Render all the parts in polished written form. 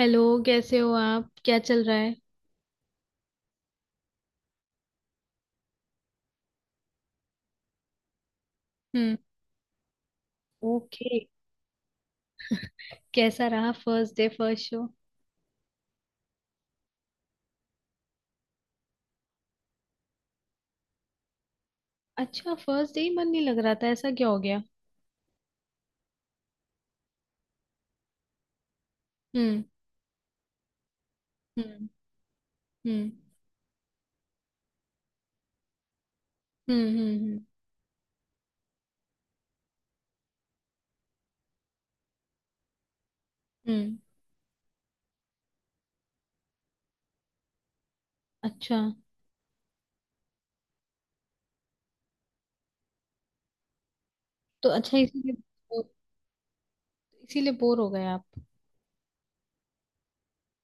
Hello. कैसे हो आप? क्या चल रहा है? हम्म। ओके। कैसा रहा फर्स्ट डे, फर्स्ट शो? अच्छा, फर्स्ट डे ही मन नहीं लग रहा था? ऐसा क्या हो गया? हम्म, हम्म, हम्म। हम्म, हम्म, हम्म, हम्म। अच्छा। तो अच्छा, इसीलिए इसीलिए बोर हो गए आप?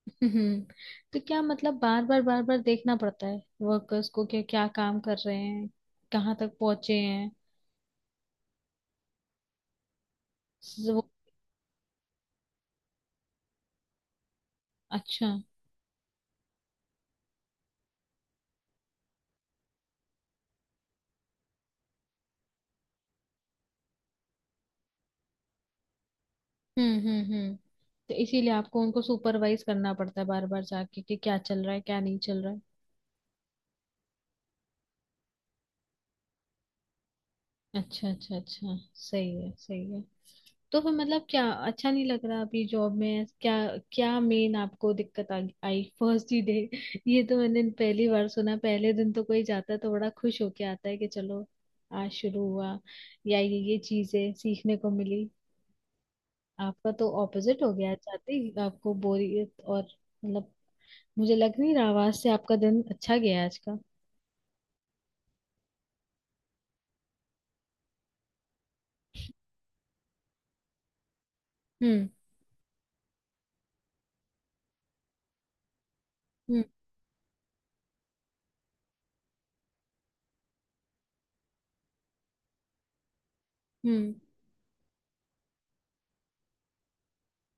हम्म। तो क्या मतलब बार बार देखना पड़ता है वर्कर्स को, क्या क्या काम कर रहे हैं, कहाँ तक पहुंचे हैं? वो अच्छा। हम्म, हम्म, हम्म। तो इसीलिए आपको उनको सुपरवाइज करना पड़ता है बार बार जाके कि क्या चल रहा है, क्या नहीं चल रहा है। अच्छा अच्छा अच्छा, सही है सही है। तो फिर मतलब क्या अच्छा नहीं लग रहा अभी जॉब में? क्या क्या मेन आपको आई फर्स्ट ही डे? ये तो मैंने पहली बार सुना। पहले दिन तो कोई जाता है तो बड़ा खुश होके आता है कि चलो आज शुरू हुआ, या ये चीजें सीखने को मिली। आपका तो ऑपोजिट हो गया, जाते ही आपको बोरियत और मतलब मुझे लग नहीं रहा आवाज से आपका दिन अच्छा गया है आज का। हम्म, हम्म, हम्म।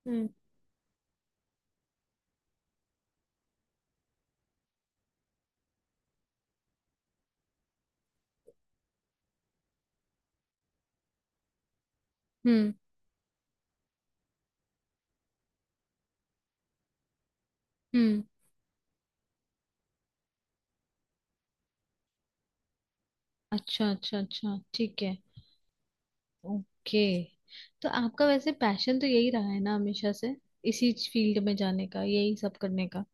हम्म, हम्म, हम्म। अच्छा अच्छा अच्छा, ठीक है। ओके। तो आपका वैसे पैशन तो यही रहा है ना हमेशा से, इसी फील्ड में जाने का, यही सब करने का?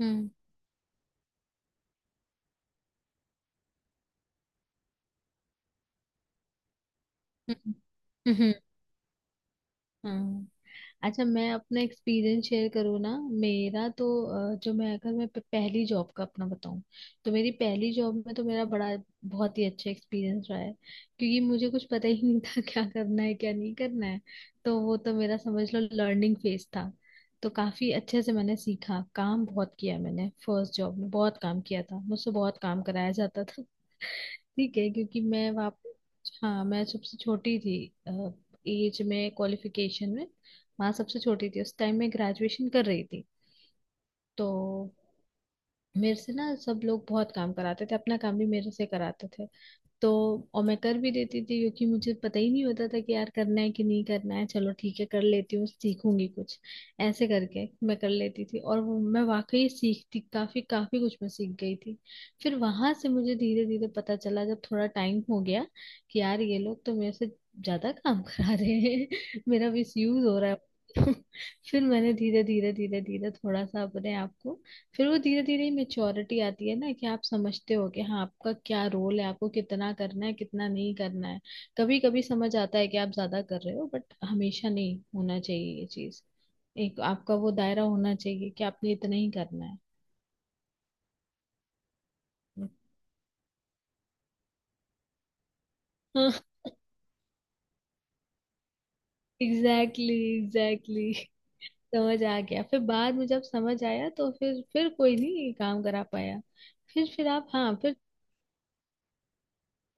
हम्म, हम्म, हम्म, हम्म। अच्छा, मैं अपना एक्सपीरियंस शेयर करूँ ना। मेरा तो जो मैं, अगर मैं पहली जॉब का अपना बताऊँ, तो मेरी पहली जॉब में तो मेरा बड़ा बहुत ही अच्छा एक्सपीरियंस रहा है, क्योंकि मुझे कुछ पता ही नहीं था क्या करना है क्या नहीं करना है। तो वो तो मेरा समझ लो लर्निंग फेज था। तो काफी अच्छे से मैंने सीखा, काम बहुत किया मैंने फर्स्ट जॉब में। बहुत काम किया था, मुझसे बहुत काम कराया जाता था। ठीक है क्योंकि मैं वाप, हाँ, मैं सबसे छोटी थी एज में, क्वालिफिकेशन में माँ सबसे छोटी थी। उस टाइम मैं ग्रेजुएशन कर रही थी। तो मेरे से ना सब लोग बहुत काम कराते थे, अपना काम भी मेरे से कराते थे। तो और मैं कर भी देती थी क्योंकि मुझे पता ही नहीं होता था कि यार करना है कि नहीं करना है, चलो ठीक है कर लेती हूँ, सीखूंगी कुछ। ऐसे करके मैं कर लेती थी और वो मैं वाकई सीखती, काफी काफी कुछ मैं सीख गई थी। फिर वहां से मुझे धीरे धीरे पता चला जब थोड़ा टाइम हो गया, कि यार ये लोग तो मेरे से ज्यादा काम करा रहे हैं, मेरा मिस यूज हो रहा है। फिर मैंने धीरे धीरे धीरे धीरे थोड़ा सा अपने आप को, फिर वो धीरे धीरे मेच्योरिटी आती है ना, कि आप समझते हो कि हाँ आपका क्या रोल है, आपको कितना करना है कितना नहीं करना है। कभी कभी समझ आता है कि आप ज्यादा कर रहे हो, बट हमेशा नहीं होना चाहिए ये चीज। एक आपका वो दायरा होना चाहिए कि आपने इतना ही करना है। Exactly, exactly. समझ आ गया फिर बाद में जब समझ आया, तो फिर कोई नहीं काम करा पाया। फिर आप, हाँ फिर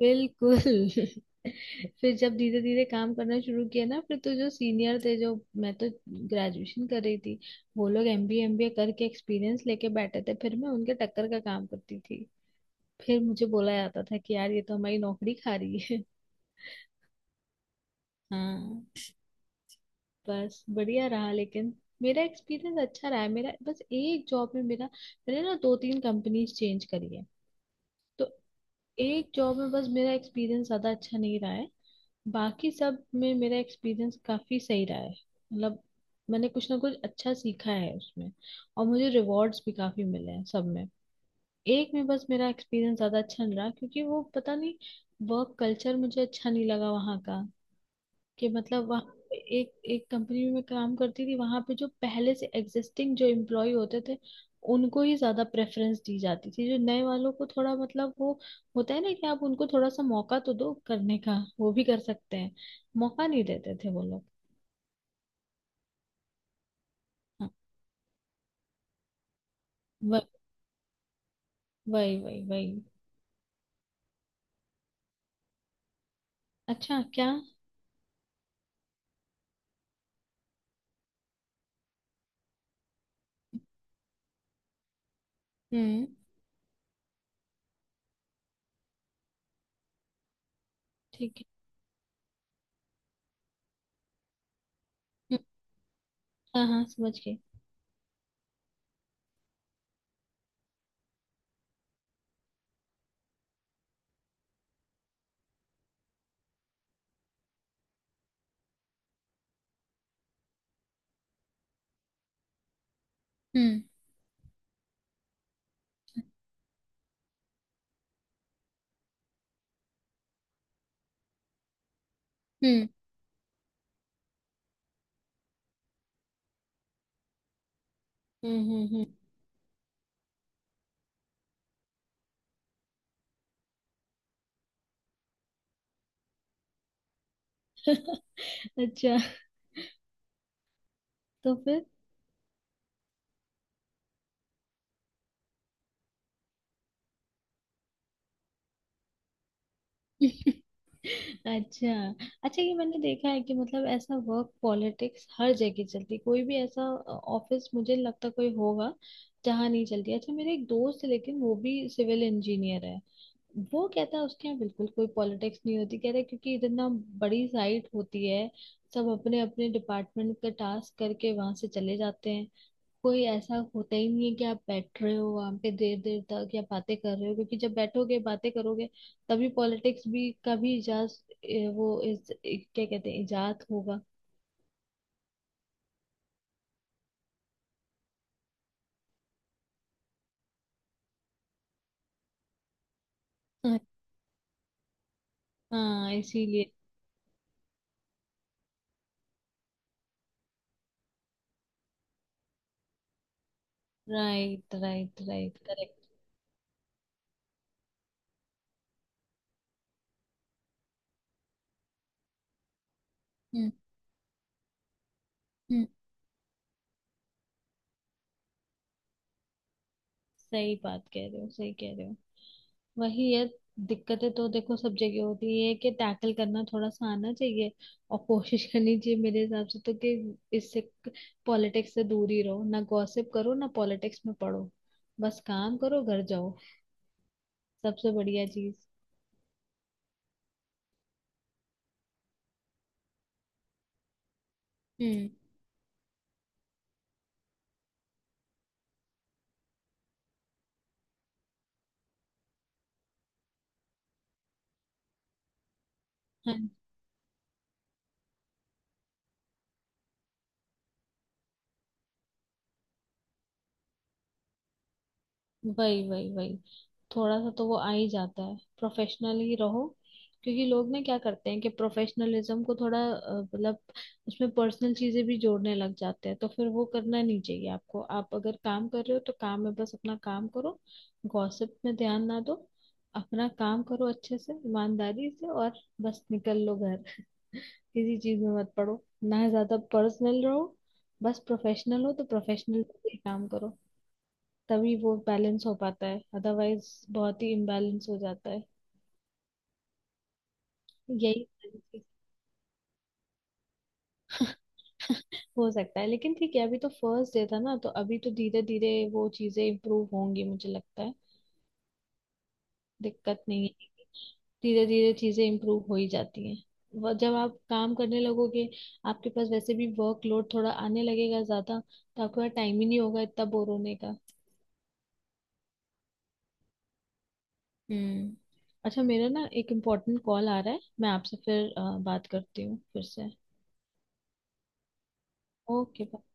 बिल्कुल। फिर जब धीरे धीरे काम करना शुरू किया ना, फिर तो जो सीनियर थे, जो, मैं तो ग्रेजुएशन कर रही थी, वो लोग एमबीए एमबीए करके एक्सपीरियंस लेके बैठे थे, फिर मैं उनके टक्कर का काम करती थी। फिर मुझे बोला जाता था कि यार ये तो हमारी नौकरी खा रही है। हाँ, बस बढ़िया रहा लेकिन। मेरा एक्सपीरियंस अच्छा रहा है, मेरा बस एक जॉब में मेरा, मैंने ना दो तीन कंपनीज चेंज करी है। तो एक जॉब में बस मेरा एक्सपीरियंस ज्यादा अच्छा नहीं रहा है, बाकी सब में मेरा एक्सपीरियंस काफी सही रहा है। मतलब मैंने कुछ ना कुछ अच्छा सीखा है उसमें, और मुझे रिवॉर्ड्स भी काफी मिले हैं सब में। एक में बस मेरा एक्सपीरियंस ज्यादा अच्छा नहीं रहा, क्योंकि वो पता नहीं, वर्क कल्चर मुझे अच्छा नहीं लगा वहाँ का। कि मतलब वहाँ एक एक कंपनी में मैं काम करती थी, वहां पे जो पहले से एग्जिस्टिंग जो एम्प्लॉय होते थे, उनको ही ज्यादा प्रेफरेंस दी जाती थी। जो नए वालों को थोड़ा मतलब वो होता है ना कि आप उनको थोड़ा सा मौका तो दो करने का, वो भी कर सकते हैं, मौका नहीं देते थे वो लोग। हाँ, व- वही वही वही अच्छा, क्या? हम्म। ठीक है। हम्म, हाँ हाँ, समझ गई। हम्म, हम्म, हम्म। हम्म, हम्म। अच्छा। तो फिर अच्छा अच्छा, ये मैंने देखा है कि मतलब ऐसा वर्क पॉलिटिक्स हर जगह चलती, कोई भी ऐसा ऑफिस मुझे नहीं लगता कोई होगा जहाँ नहीं चलती। अच्छा, मेरे एक दोस्त है लेकिन, वो भी सिविल इंजीनियर है। वो कहता है उसके यहाँ बिल्कुल कोई पॉलिटिक्स नहीं होती, कहता है क्योंकि इतना बड़ी साइट होती है, सब अपने अपने डिपार्टमेंट का टास्क करके वहां से चले जाते हैं। कोई ऐसा होता ही नहीं है कि आप बैठ रहे हो वहां पे देर देर तक, या बातें कर रहे हो, क्योंकि जब बैठोगे बातें करोगे, तभी पॉलिटिक्स भी का भी इजाज ए, वो इस ए, क्या कहते हैं, इजाद होगा। हम्म। हाँ इसीलिए। Right right right, correct. हम्म, हम्म। सही बात कह रहे हो, सही कह रहे हो। वही है। दिक्कतें तो देखो सब जगह होती है, ये है कि टैकल करना थोड़ा सा आना चाहिए, और कोशिश करनी चाहिए मेरे हिसाब से तो। कि इससे पॉलिटिक्स से दूर ही रहो, ना गॉसिप करो ना पॉलिटिक्स में पढ़ो। बस काम करो, घर जाओ, सबसे बढ़िया चीज। हम्म। हाँ, वही वही वही। थोड़ा सा तो वो आ ही जाता है। प्रोफेशनल ही रहो, क्योंकि लोग ना क्या करते हैं कि प्रोफेशनलिज्म को थोड़ा मतलब उसमें पर्सनल चीजें भी जोड़ने लग जाते हैं। तो फिर वो करना नहीं चाहिए आपको। आप अगर काम कर रहे हो, तो काम में बस अपना काम करो, गॉसिप में ध्यान ना दो। अपना काम करो अच्छे से, ईमानदारी से, और बस निकल लो घर। किसी चीज में मत पड़ो, ना ज्यादा पर्सनल रहो। बस प्रोफेशनल हो तो प्रोफेशनल काम करो, तभी वो बैलेंस हो पाता है। अदरवाइज बहुत ही इम्बैलेंस हो जाता है, यही सारी चीज़। हो सकता है। लेकिन ठीक है, अभी तो फर्स्ट डे था ना, तो अभी तो धीरे धीरे वो चीजें इम्प्रूव होंगी, मुझे लगता है दिक्कत नहीं है। धीरे धीरे चीजें इम्प्रूव हो ही जाती हैं। जब आप काम करने लगोगे, आपके पास वैसे भी वर्कलोड थोड़ा आने लगेगा ज्यादा, तो आपके पास टाइम ही नहीं होगा इतना बोर होने का। हम्म। अच्छा, मेरा ना एक इम्पोर्टेंट कॉल आ रहा है, मैं आपसे फिर बात करती हूँ फिर से। ओके।